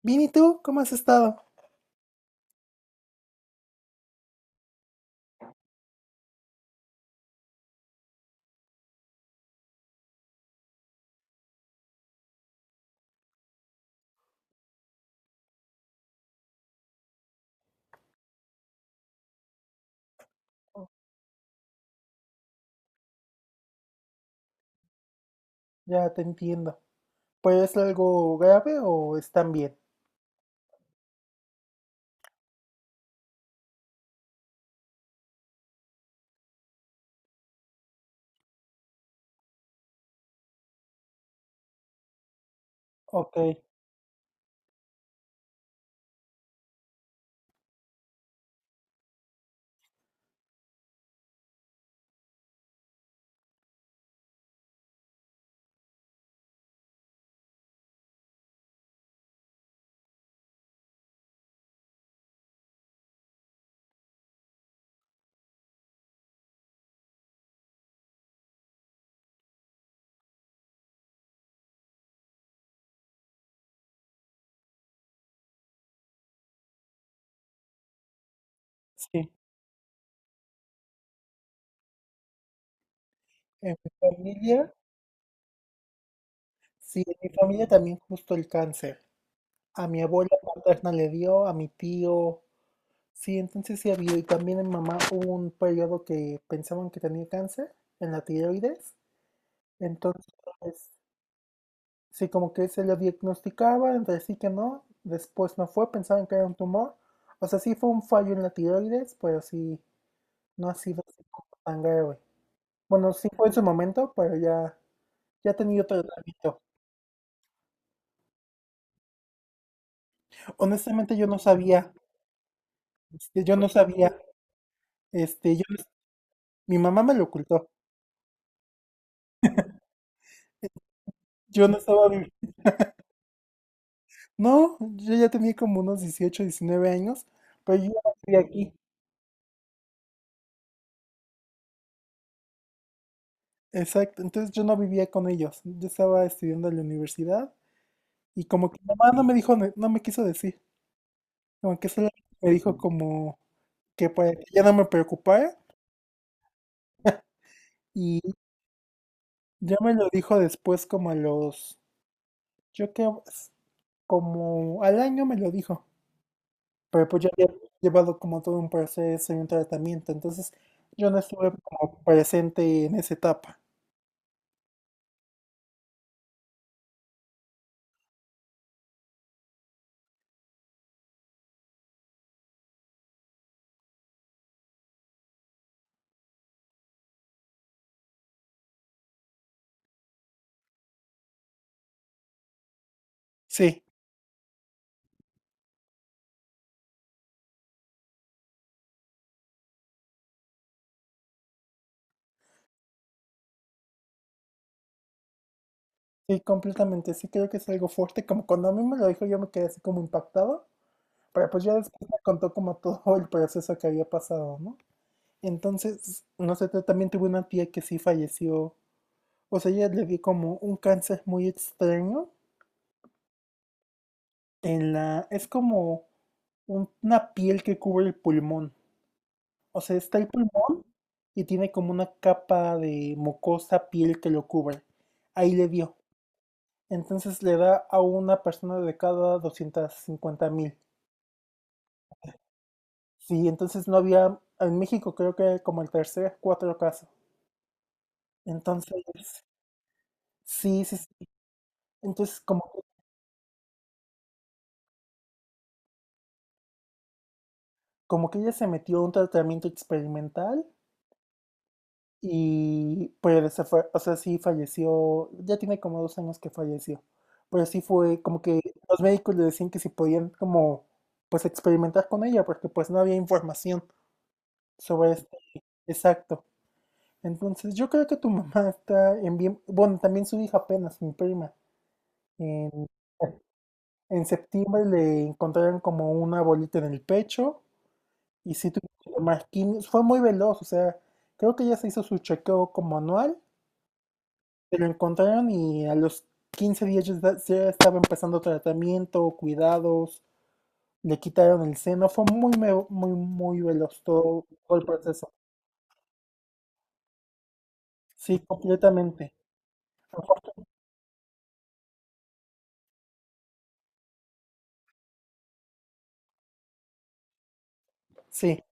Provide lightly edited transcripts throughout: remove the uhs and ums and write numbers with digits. Bien, ¿y tú? ¿Cómo has estado? Ya te entiendo. ¿Pues es algo grave o están bien? Ok, sí. En mi familia, sí, en mi familia también justo el cáncer. A mi abuela paterna le dio, a mi tío, sí, entonces sí ha habido. Y también en mamá hubo un periodo que pensaban que tenía cáncer en la tiroides. Entonces, sí, como que se lo diagnosticaba, entre sí que no. Después no fue, pensaban que era un tumor. O sea, sí fue un fallo en la tiroides, pero sí, no ha sido así como tan grave. Bueno, sí fue en su momento, pero ya, ya ha tenido tratamiento. Honestamente, yo no sabía, yo no sabía, este, yo, no- mi mamá me lo ocultó. Yo no estaba, vi- No, yo ya tenía como unos 18, 19 años, pero yo ya no vivía aquí. Exacto, entonces yo no vivía con ellos. Yo estaba estudiando en la universidad y como que mi mamá no me dijo, no me quiso decir, como que solo me dijo como que para que ya no me preocupara y ya me lo dijo después como a los, yo creo, es como al año me lo dijo, pero pues yo había llevado como todo un proceso y un tratamiento, entonces yo no estuve como presente en esa etapa. Sí. Sí, completamente. Sí, creo que es algo fuerte. Como cuando a mí me lo dijo, yo me quedé así como impactado. Pero pues ya después me contó como todo el proceso que había pasado, ¿no? Entonces, no sé, yo también tuve una tía que sí falleció. O sea, ella le dio como un cáncer muy extraño en la... Es como una piel que cubre el pulmón. O sea, está el pulmón y tiene como una capa de mucosa piel que lo cubre. Ahí le dio. Entonces le da a una persona de cada 250.000. Sí, entonces no había, en México creo que como el tercer, cuatro casos. Entonces, sí, sí, sí. Entonces como, como que ella se metió a un tratamiento experimental y pues se fue, o sea, sí falleció, ya tiene como dos años que falleció. Pero sí fue como que los médicos le decían que si podían como pues experimentar con ella porque pues no había información sobre esto. Exacto. Entonces, yo creo que tu mamá está en bien, bueno, también su hija apenas, mi prima, en, en septiembre le encontraron como una bolita en el pecho y sí tuvo que tomar quimio, fue muy veloz, o sea, creo que ya se hizo su chequeo como anual, se lo encontraron y a los 15 días ya, ya estaba empezando tratamiento, cuidados, le quitaron el seno, fue muy, muy, muy veloz todo, todo el proceso, sí, completamente, Afortun- sí.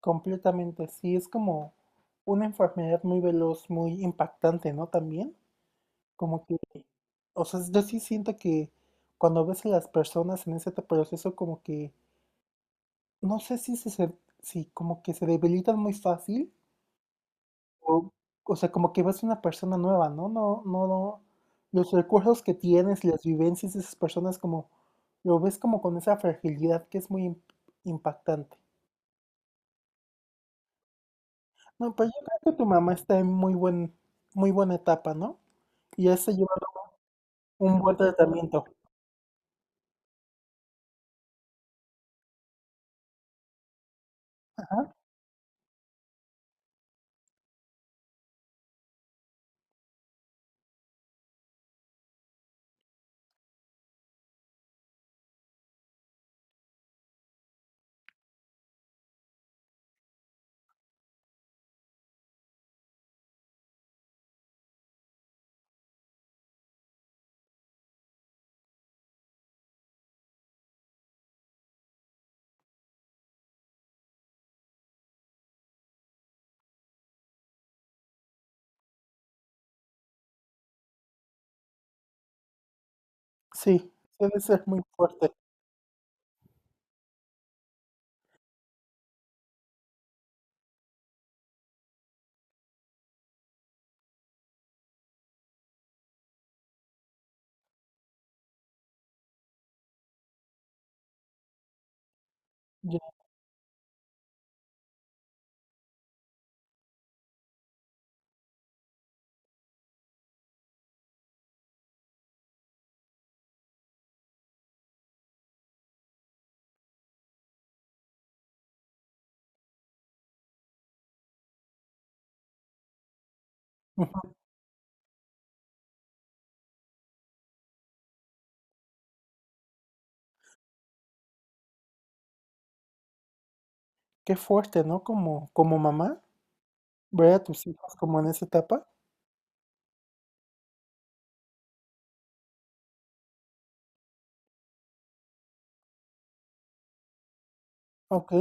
Completamente, sí, es como una enfermedad muy veloz, muy impactante, ¿no? También, como que, o sea, yo sí siento que cuando ves a las personas en ese proceso, como que, no sé si se, se- si como que se debilitan muy fácil, o, o sea, como que ves una persona nueva, ¿no? No, no, no, los recursos que tienes, las vivencias de esas personas, como, lo ves como con esa fragilidad que es muy impactante. No, pero yo creo que tu mamá está en muy buen, muy buena etapa, ¿no? Y ese lleva un buen tratamiento. Ajá. Sí, debe ser muy fuerte. Ya. Ujú. Qué fuerte, ¿no? Como, como mamá, ver a tus hijos como en esa etapa. Ok,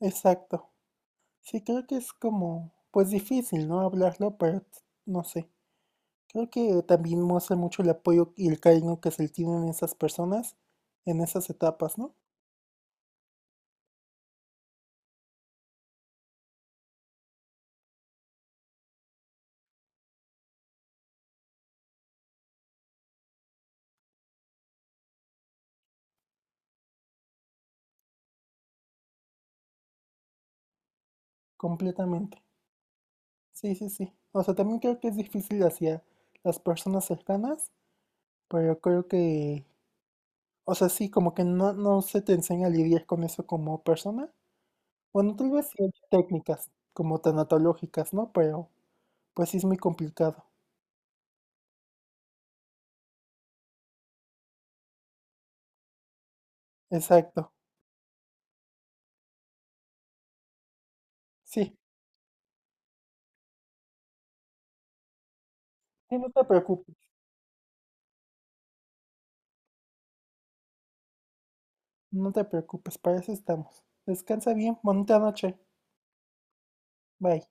exacto. Sí, creo que es como, pues difícil, ¿no? Hablarlo, pero no sé. Creo que también muestra mucho el apoyo y el cariño que se le tienen esas personas en esas etapas, ¿no? Completamente. Sí, sí, sí. O sea, también creo que es difícil hacia las personas cercanas, pero creo que o sea, sí, como que no, no se te enseña a lidiar con eso como persona. Bueno, tal vez sí hay técnicas como tanatológicas, ¿no? Pero pues sí es muy complicado. Exacto. Sí, sí, no te preocupes, no te preocupes, para eso estamos. Descansa bien, bonita noche. Bye.